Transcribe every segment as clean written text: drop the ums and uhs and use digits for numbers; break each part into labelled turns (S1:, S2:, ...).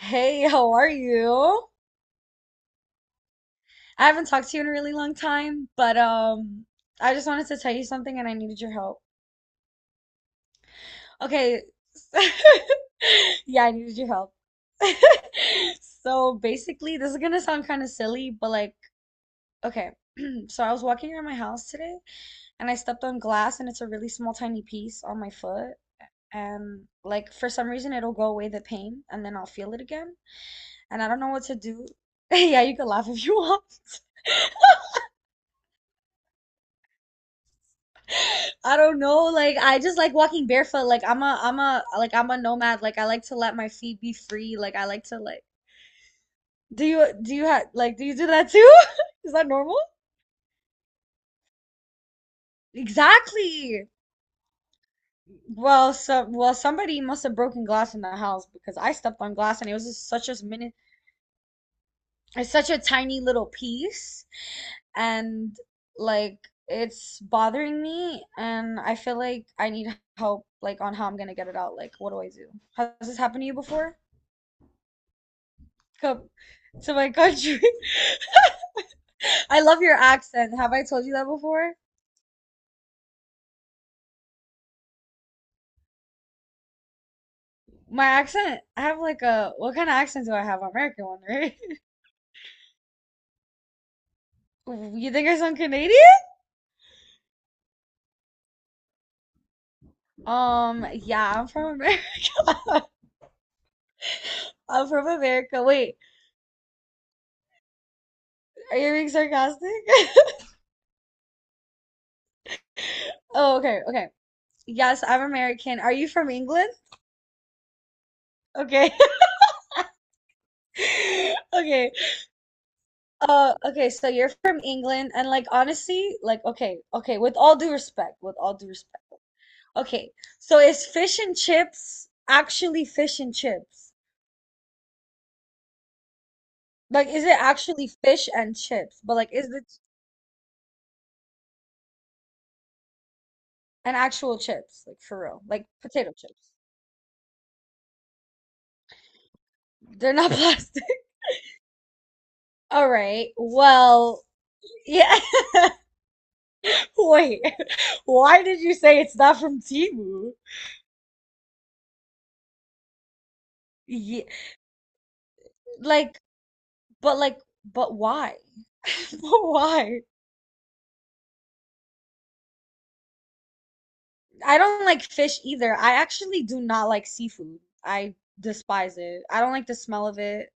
S1: Hey, how are you? I haven't talked to you in a really long time, but I just wanted to tell you something and I needed your help. Okay. Yeah, I needed your help. So basically, this is gonna sound kind of silly, but like, okay. So I was walking around my house today and I stepped on glass and it's a really small tiny piece on my foot and like for some reason it'll go away the pain and then I'll feel it again and I don't know what to do. Yeah, you can laugh if you want. I don't know. Like I just like walking barefoot. Like I'm a like I'm a nomad. Like I like to let my feet be free. Like I like to like do you have like do you do that too? Is that normal? Exactly. Well, so well somebody must have broken glass in the house because I stepped on glass and it was just such a mini it's such a tiny little piece and like it's bothering me and I feel like I need help like on how I'm gonna get it out. Like what do I do? Has this happened to you before? Come to my country. I love your accent. Have I told you that before? My accent, I have like a, what kind of accent do I have? American one, right? You think I sound Canadian? Yeah, I'm from America. I'm from America. Wait, are you being sarcastic? Oh, okay, okay. Yes, I'm American. Are you from England? Okay. Okay. Okay, so you're from England and like honestly, like okay, okay, with all due respect, with all due respect. Okay, so is fish and chips actually fish and chips? Like, is it actually fish and chips? But like, is it an actual chips? Like for real, like potato chips. They're not plastic. All right. Well, yeah. Wait, why did you say it's not from Temu? Yeah, like, like, but why? But why? I don't like fish either. I actually do not like seafood. I despise it. I don't like the smell of it.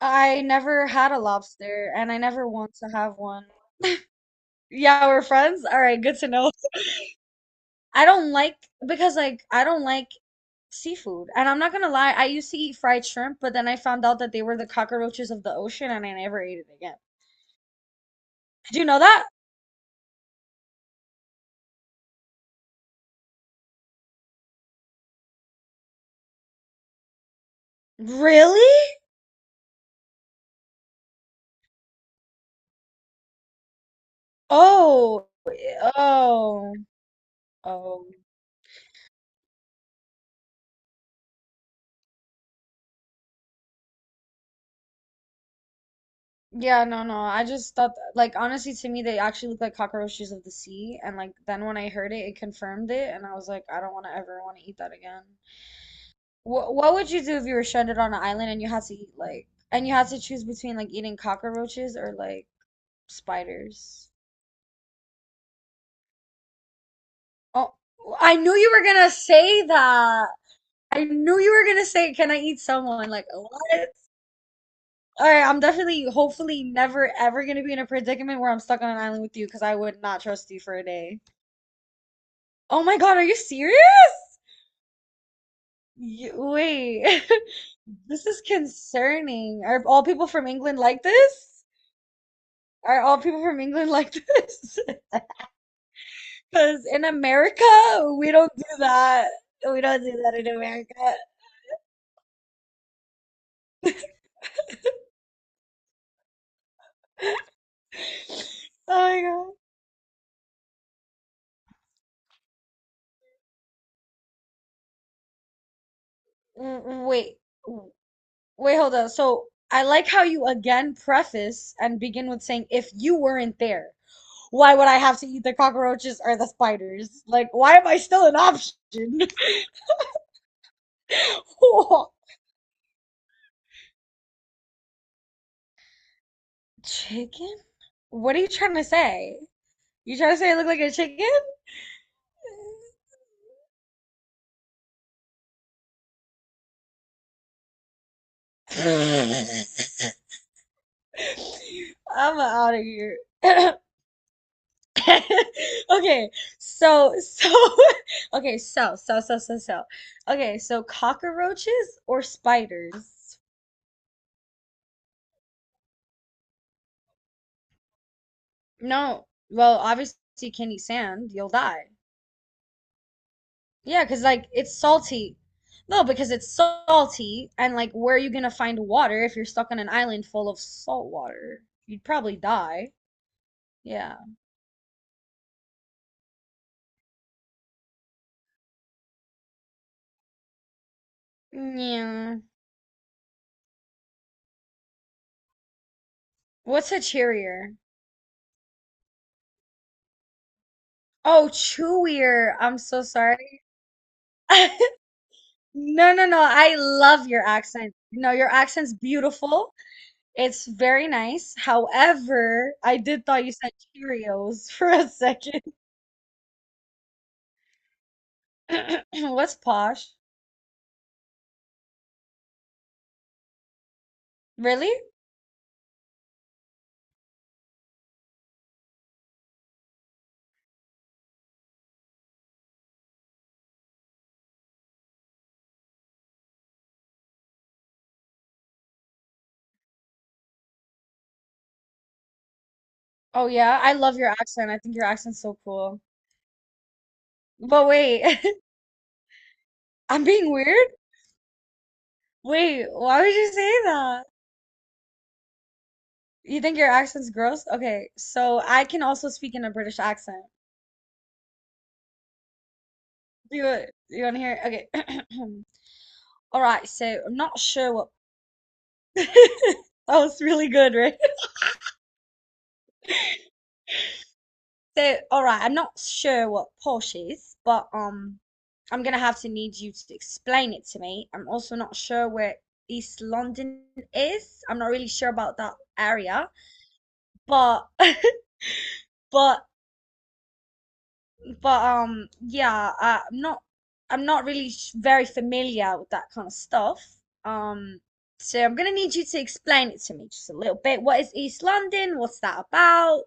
S1: I never had a lobster and I never want to have one. Yeah, we're friends? All right, good to know. I don't like because like I don't like seafood. And I'm not gonna lie, I used to eat fried shrimp, but then I found out that they were the cockroaches of the ocean and I never ate it again. Did you know that? Really? Oh, eh, oh, oh. Yeah, no, no. I just thought that, like honestly to me they actually look like cockroaches of the sea and like then when I heard it it confirmed it and I was like I don't want to ever want to eat that again. What would you do if you were stranded on an island and you had to eat like and you had to choose between like eating cockroaches or like spiders? Oh, I knew you were gonna say that. I knew you were gonna say, "Can I eat someone?" Like, what? All right, I'm definitely, hopefully, never ever gonna be in a predicament where I'm stuck on an island with you because I would not trust you for a day. Oh my God, are you serious? You, wait, this is concerning. Are all people from England like this? Are all people from England like this? Because in America, we don't do that. We don't do that in America. Oh my God. Mm, mm, wait, wait, hold on. So I like how you again preface and begin with saying, if you weren't there, why would I have to eat the cockroaches or the spiders? Like, why am I still an option? Whoa. Chicken? What are you trying to say? You trying to say I look like a chicken? I'm out of here. Okay, so okay, so. Okay, so cockroaches or spiders? No. Well, obviously you can't eat sand, you'll die. Yeah, because like it's salty. No, because it's salty and like where are you gonna find water if you're stuck on an island full of salt water? You'd probably die. Yeah. Yeah. What's a cheerier? Oh, chewier. I'm so sorry. No, no, no. I love your accent. No, your accent's beautiful. It's very nice. However, I did thought you said Cheerios for a second. What's posh? Really? Oh yeah, I love your accent. I think your accent's so cool. But wait, I'm being weird? Wait, why would you say that? You think your accent's gross? Okay, so I can also speak in a British accent. Do you, you want to hear? It? Okay. All right, so I'm not sure what that was really good, right? So, all right, I'm not sure what posh is, but I'm gonna have to need you to explain it to me. I'm also not sure where East London is. I'm not really sure about that area, but but but, yeah, I'm not really s- very familiar with that kind of stuff. Um, so I'm gonna need you to explain it to me just a little bit. What is East London? What's that about?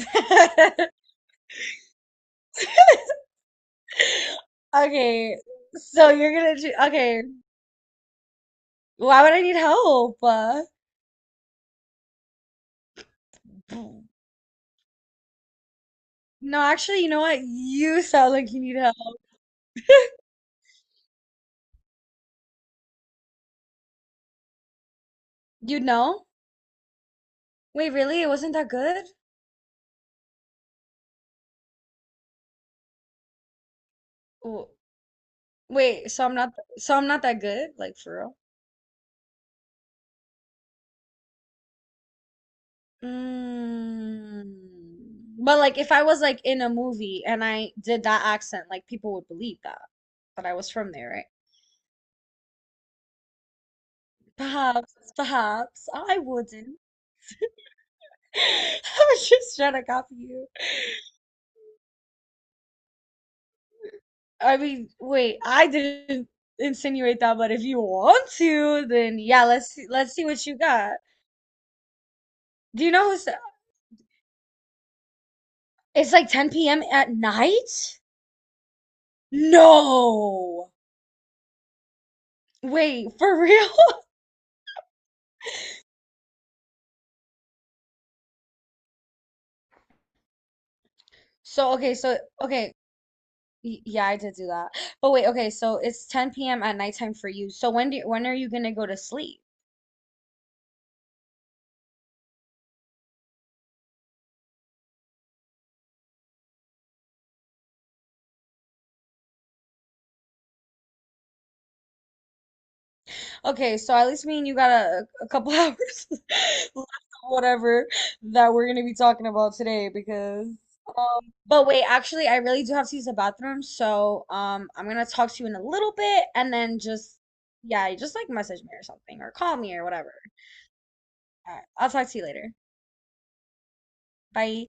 S1: Okay, so you're gonna do, okay. Why would I need help? No, actually, you know what? You sound like you need help. You know? Wait, really? It wasn't that good? W- wait, so I'm not that good? Like for real? Mm. But like, if I was like in a movie and I did that accent, like people would believe that I was from there, right? Perhaps, perhaps I wouldn't. I was just trying to copy you. I mean, wait, I didn't insinuate that, but if you want to, then yeah, let's see what you got. Do you know who's it's like 10 p.m. at night? No. Wait, for real? So, okay, so okay, y- yeah, I did do that. But wait, okay, so it's 10 p.m. at nighttime for you. So when are you gonna go to sleep? Okay, so at least me and you got a couple hours left of whatever that we're gonna be talking about today because but wait, actually I really do have to use the bathroom, so I'm gonna talk to you in a little bit and then just yeah, just like message me or something or call me or whatever. All right, I'll talk to you later. Bye.